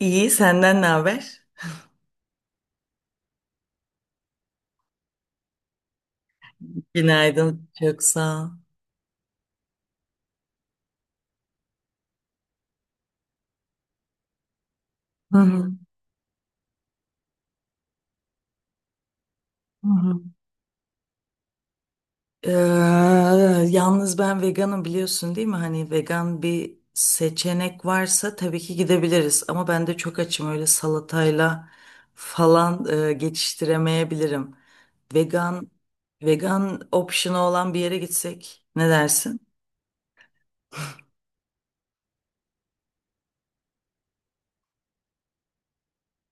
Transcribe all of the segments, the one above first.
İyi, senden ne haber? Günaydın, çok sağ ol. Hı hı, hı hı. Ee, Yalnız ben veganım, biliyorsun değil mi? Hani vegan bir seçenek varsa tabii ki gidebiliriz. Ama ben de çok açım, öyle salatayla falan geçiştiremeyebilirim. Vegan vegan option'ı olan bir yere gitsek ne dersin?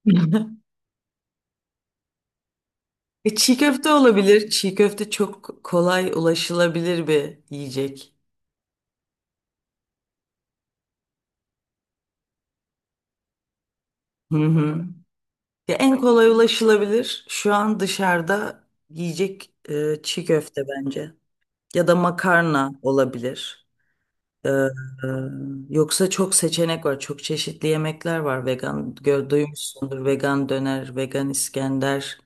Çiğ köfte olabilir. Çiğ köfte çok kolay ulaşılabilir bir yiyecek. Hı hı. Ya en kolay ulaşılabilir şu an dışarıda yiyecek çiğ köfte bence. Ya da makarna olabilir. Ee, e, Yoksa çok seçenek var. Çok çeşitli yemekler var. Vegan duymuşsundur. Vegan döner, vegan İskender,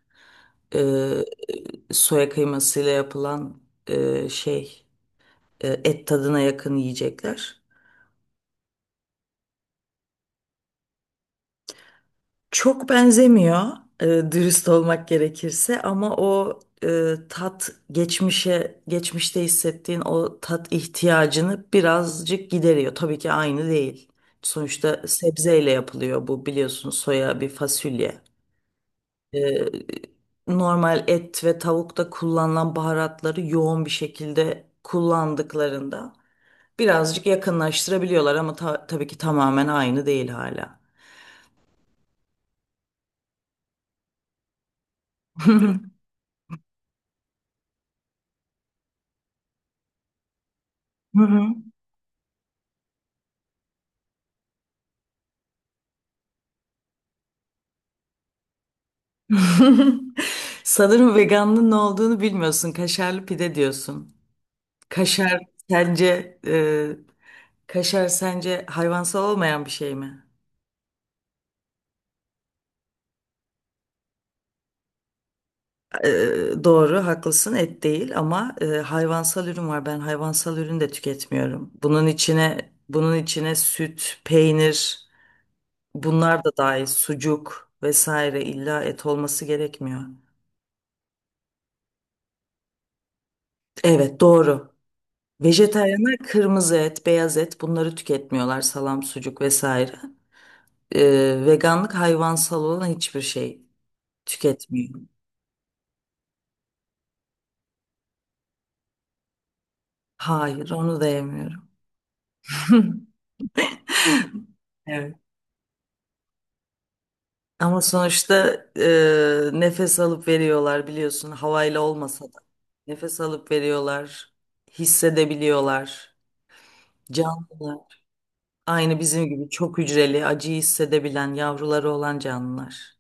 e, soya kıymasıyla yapılan şey et tadına yakın yiyecekler. Çok benzemiyor dürüst olmak gerekirse, ama o tat, geçmişte hissettiğin o tat ihtiyacını birazcık gideriyor. Tabii ki aynı değil. Sonuçta sebzeyle yapılıyor, bu biliyorsun, soya bir fasulye. E, Normal et ve tavukta kullanılan baharatları yoğun bir şekilde kullandıklarında birazcık yakınlaştırabiliyorlar, ama tabii ki tamamen aynı değil hala. Hı hı. Sanırım veganlığın ne olduğunu bilmiyorsun. Kaşarlı pide diyorsun. Kaşar sence e, kaşar sence hayvansal olmayan bir şey mi? E, doğru, haklısın. Et değil, ama hayvansal ürün var. Ben hayvansal ürün de tüketmiyorum. Bunun içine süt, peynir, bunlar da dahil, sucuk vesaire, illa et olması gerekmiyor. Evet, doğru. Vejetaryenler kırmızı et, beyaz et bunları tüketmiyorlar. Salam, sucuk vesaire. Veganlık hayvansal olan hiçbir şey tüketmiyor. Hayır, onu da yemiyorum. Evet. Ama sonuçta nefes alıp veriyorlar, biliyorsun, havayla olmasa da. Nefes alıp veriyorlar, hissedebiliyorlar. Canlılar. Aynı bizim gibi çok hücreli, acıyı hissedebilen, yavruları olan canlılar.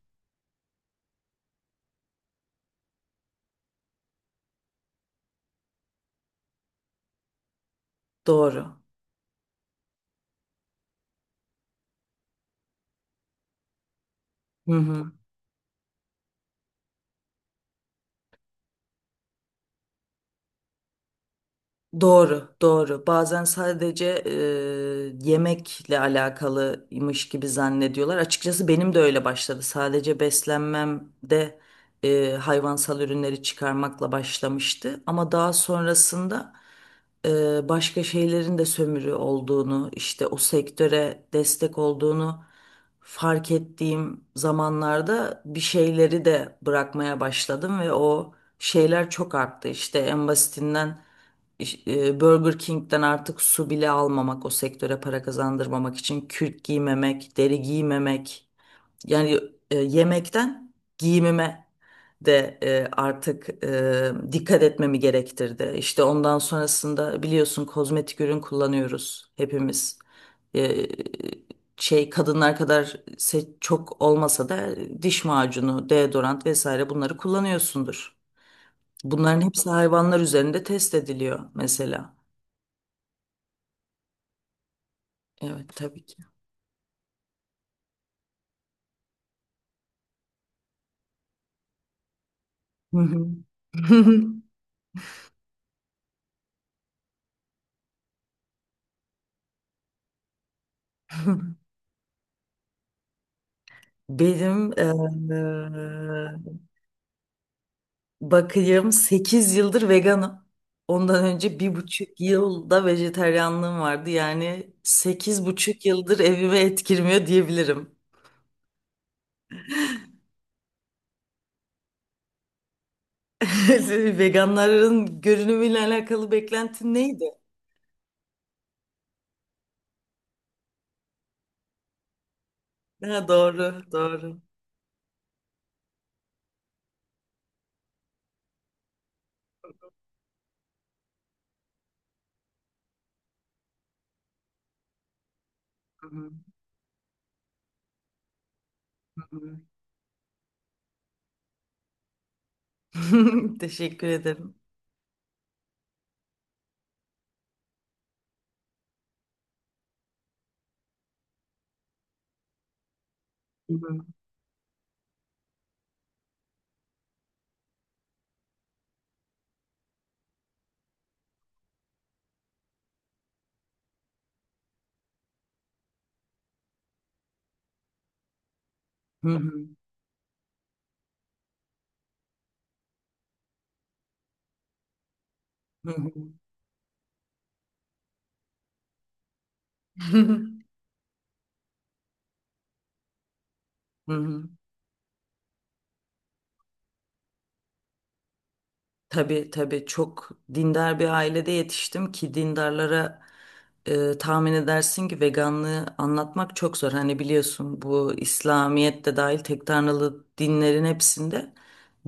Doğru. Hı hı. Doğru, doğru. Bazen sadece yemekle alakalıymış gibi zannediyorlar. Açıkçası benim de öyle başladı. Sadece beslenmemde hayvansal ürünleri çıkarmakla başlamıştı. Ama daha sonrasında başka şeylerin de sömürü olduğunu, işte o sektöre destek olduğunu fark ettiğim zamanlarda bir şeyleri de bırakmaya başladım ve o şeyler çok arttı. İşte en basitinden Burger King'den artık su bile almamak, o sektöre para kazandırmamak için kürk giymemek, deri giymemek. Yani yemekten giyimime de artık dikkat etmemi gerektirdi. İşte ondan sonrasında biliyorsun kozmetik ürün kullanıyoruz hepimiz. E, Şey, kadınlar kadar çok olmasa da, diş macunu, deodorant vesaire bunları kullanıyorsundur. Bunların hepsi hayvanlar üzerinde test ediliyor mesela. Evet tabii ki. Hı hı. Benim Bakayım, 8 yıldır veganım. Ondan önce 1,5 yılda vejetaryenliğim vardı. Yani 8,5 yıldır evime et girmiyor diyebilirim. Veganların görünümüyle alakalı beklentin neydi? Ha, doğru, doğru. Hı hı, hı hı. Teşekkür ederim. Hı hı, hı hı, hı hı. Hı hı. Tabii tabii, çok dindar bir ailede yetiştim ki dindarlara tahmin edersin ki veganlığı anlatmak çok zor. Hani biliyorsun, bu, İslamiyet de dahil, tek tanrılı dinlerin hepsinde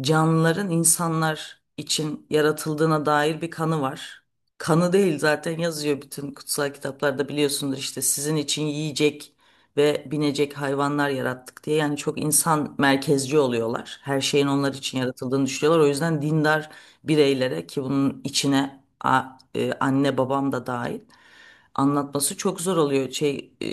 canlıların insanlar için yaratıldığına dair bir kanı var. Kanı değil, zaten yazıyor bütün kutsal kitaplarda, biliyorsundur, işte sizin için yiyecek ve binecek hayvanlar yarattık diye. Yani çok insan merkezci oluyorlar. Her şeyin onlar için yaratıldığını düşünüyorlar. O yüzden dindar bireylere, ki bunun içine anne babam da dahil, anlatması çok zor oluyor. Şey,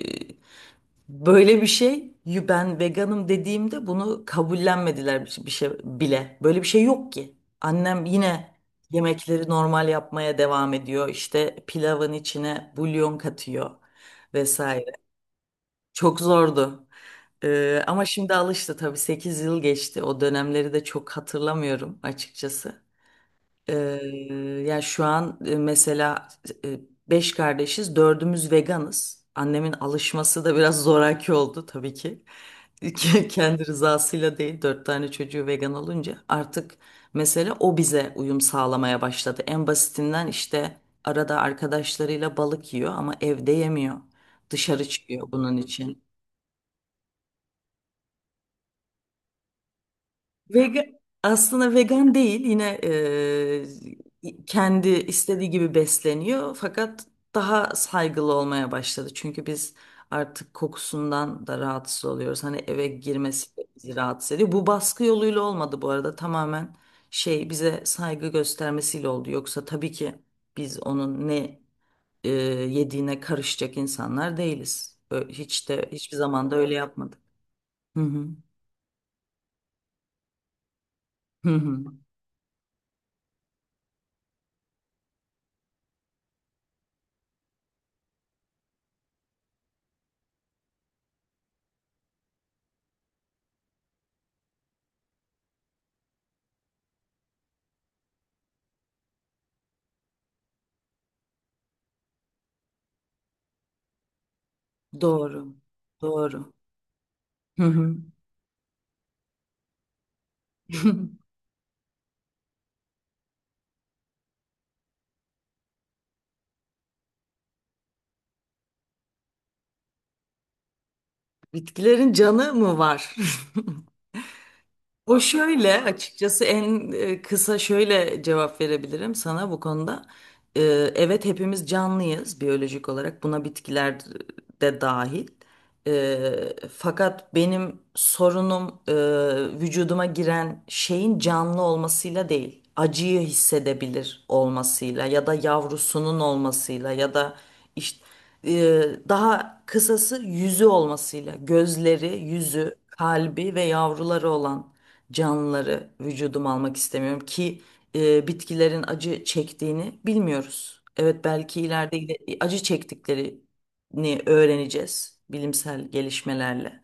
böyle bir şey, "Yu, ben veganım" dediğimde bunu kabullenmediler bir şey, bir şey bile. Böyle bir şey yok ki. Annem yine yemekleri normal yapmaya devam ediyor. İşte pilavın içine bulyon katıyor vesaire. Çok zordu. Ama şimdi alıştı tabii, 8 yıl geçti. O dönemleri de çok hatırlamıyorum açıkçası. Ee, Ya şu an mesela e, beş kardeşiz, dördümüz veganız. Annemin alışması da biraz zoraki oldu tabii ki. Kendi rızasıyla değil, dört tane çocuğu vegan olunca artık mesela o bize uyum sağlamaya başladı. En basitinden işte arada arkadaşlarıyla balık yiyor ama evde yemiyor. Dışarı çıkıyor bunun için. Vegan, aslında vegan değil yine, kendi istediği gibi besleniyor, fakat daha saygılı olmaya başladı. Çünkü biz artık kokusundan da rahatsız oluyoruz. Hani eve girmesi de bizi rahatsız ediyor. Bu baskı yoluyla olmadı bu arada, tamamen şey, bize saygı göstermesiyle oldu. Yoksa tabii ki biz onun ne e, yediğine karışacak insanlar değiliz. Hiç de hiçbir zaman da öyle yapmadık. Hı hı. Hı hı. Doğru. Doğru. Hı hı. Bitkilerin canı mı var? O şöyle, açıkçası en kısa şöyle cevap verebilirim sana bu konuda. Ee, Evet, hepimiz canlıyız biyolojik olarak, buna bitkiler de dahil. Fakat benim sorunum vücuduma giren şeyin canlı olmasıyla değil, acıyı hissedebilir olmasıyla ya da yavrusunun olmasıyla ya da işte e, daha kısası, yüzü olmasıyla. Gözleri, yüzü, kalbi ve yavruları olan canlıları vücuduma almak istemiyorum, ki bitkilerin acı çektiğini bilmiyoruz. Evet, belki ileride acı çektiklerini öğreneceğiz bilimsel gelişmelerle.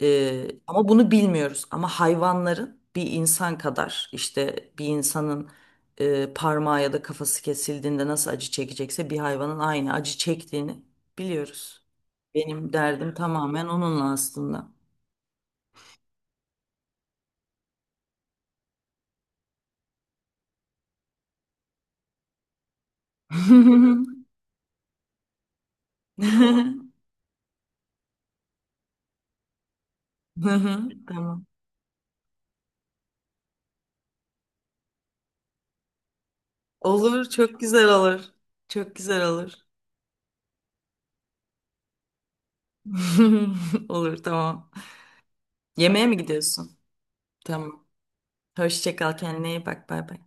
Ama bunu bilmiyoruz. Ama hayvanların, bir insan kadar, işte bir insanın parmağı ya da kafası kesildiğinde nasıl acı çekecekse, bir hayvanın aynı acı çektiğini biliyoruz. Benim derdim tamamen onunla aslında. Tamam. Olur, çok güzel olur. Çok güzel olur. Olur, tamam. Yemeğe mi gidiyorsun? Tamam. Hoşça kal, kendine iyi bak, bay bay.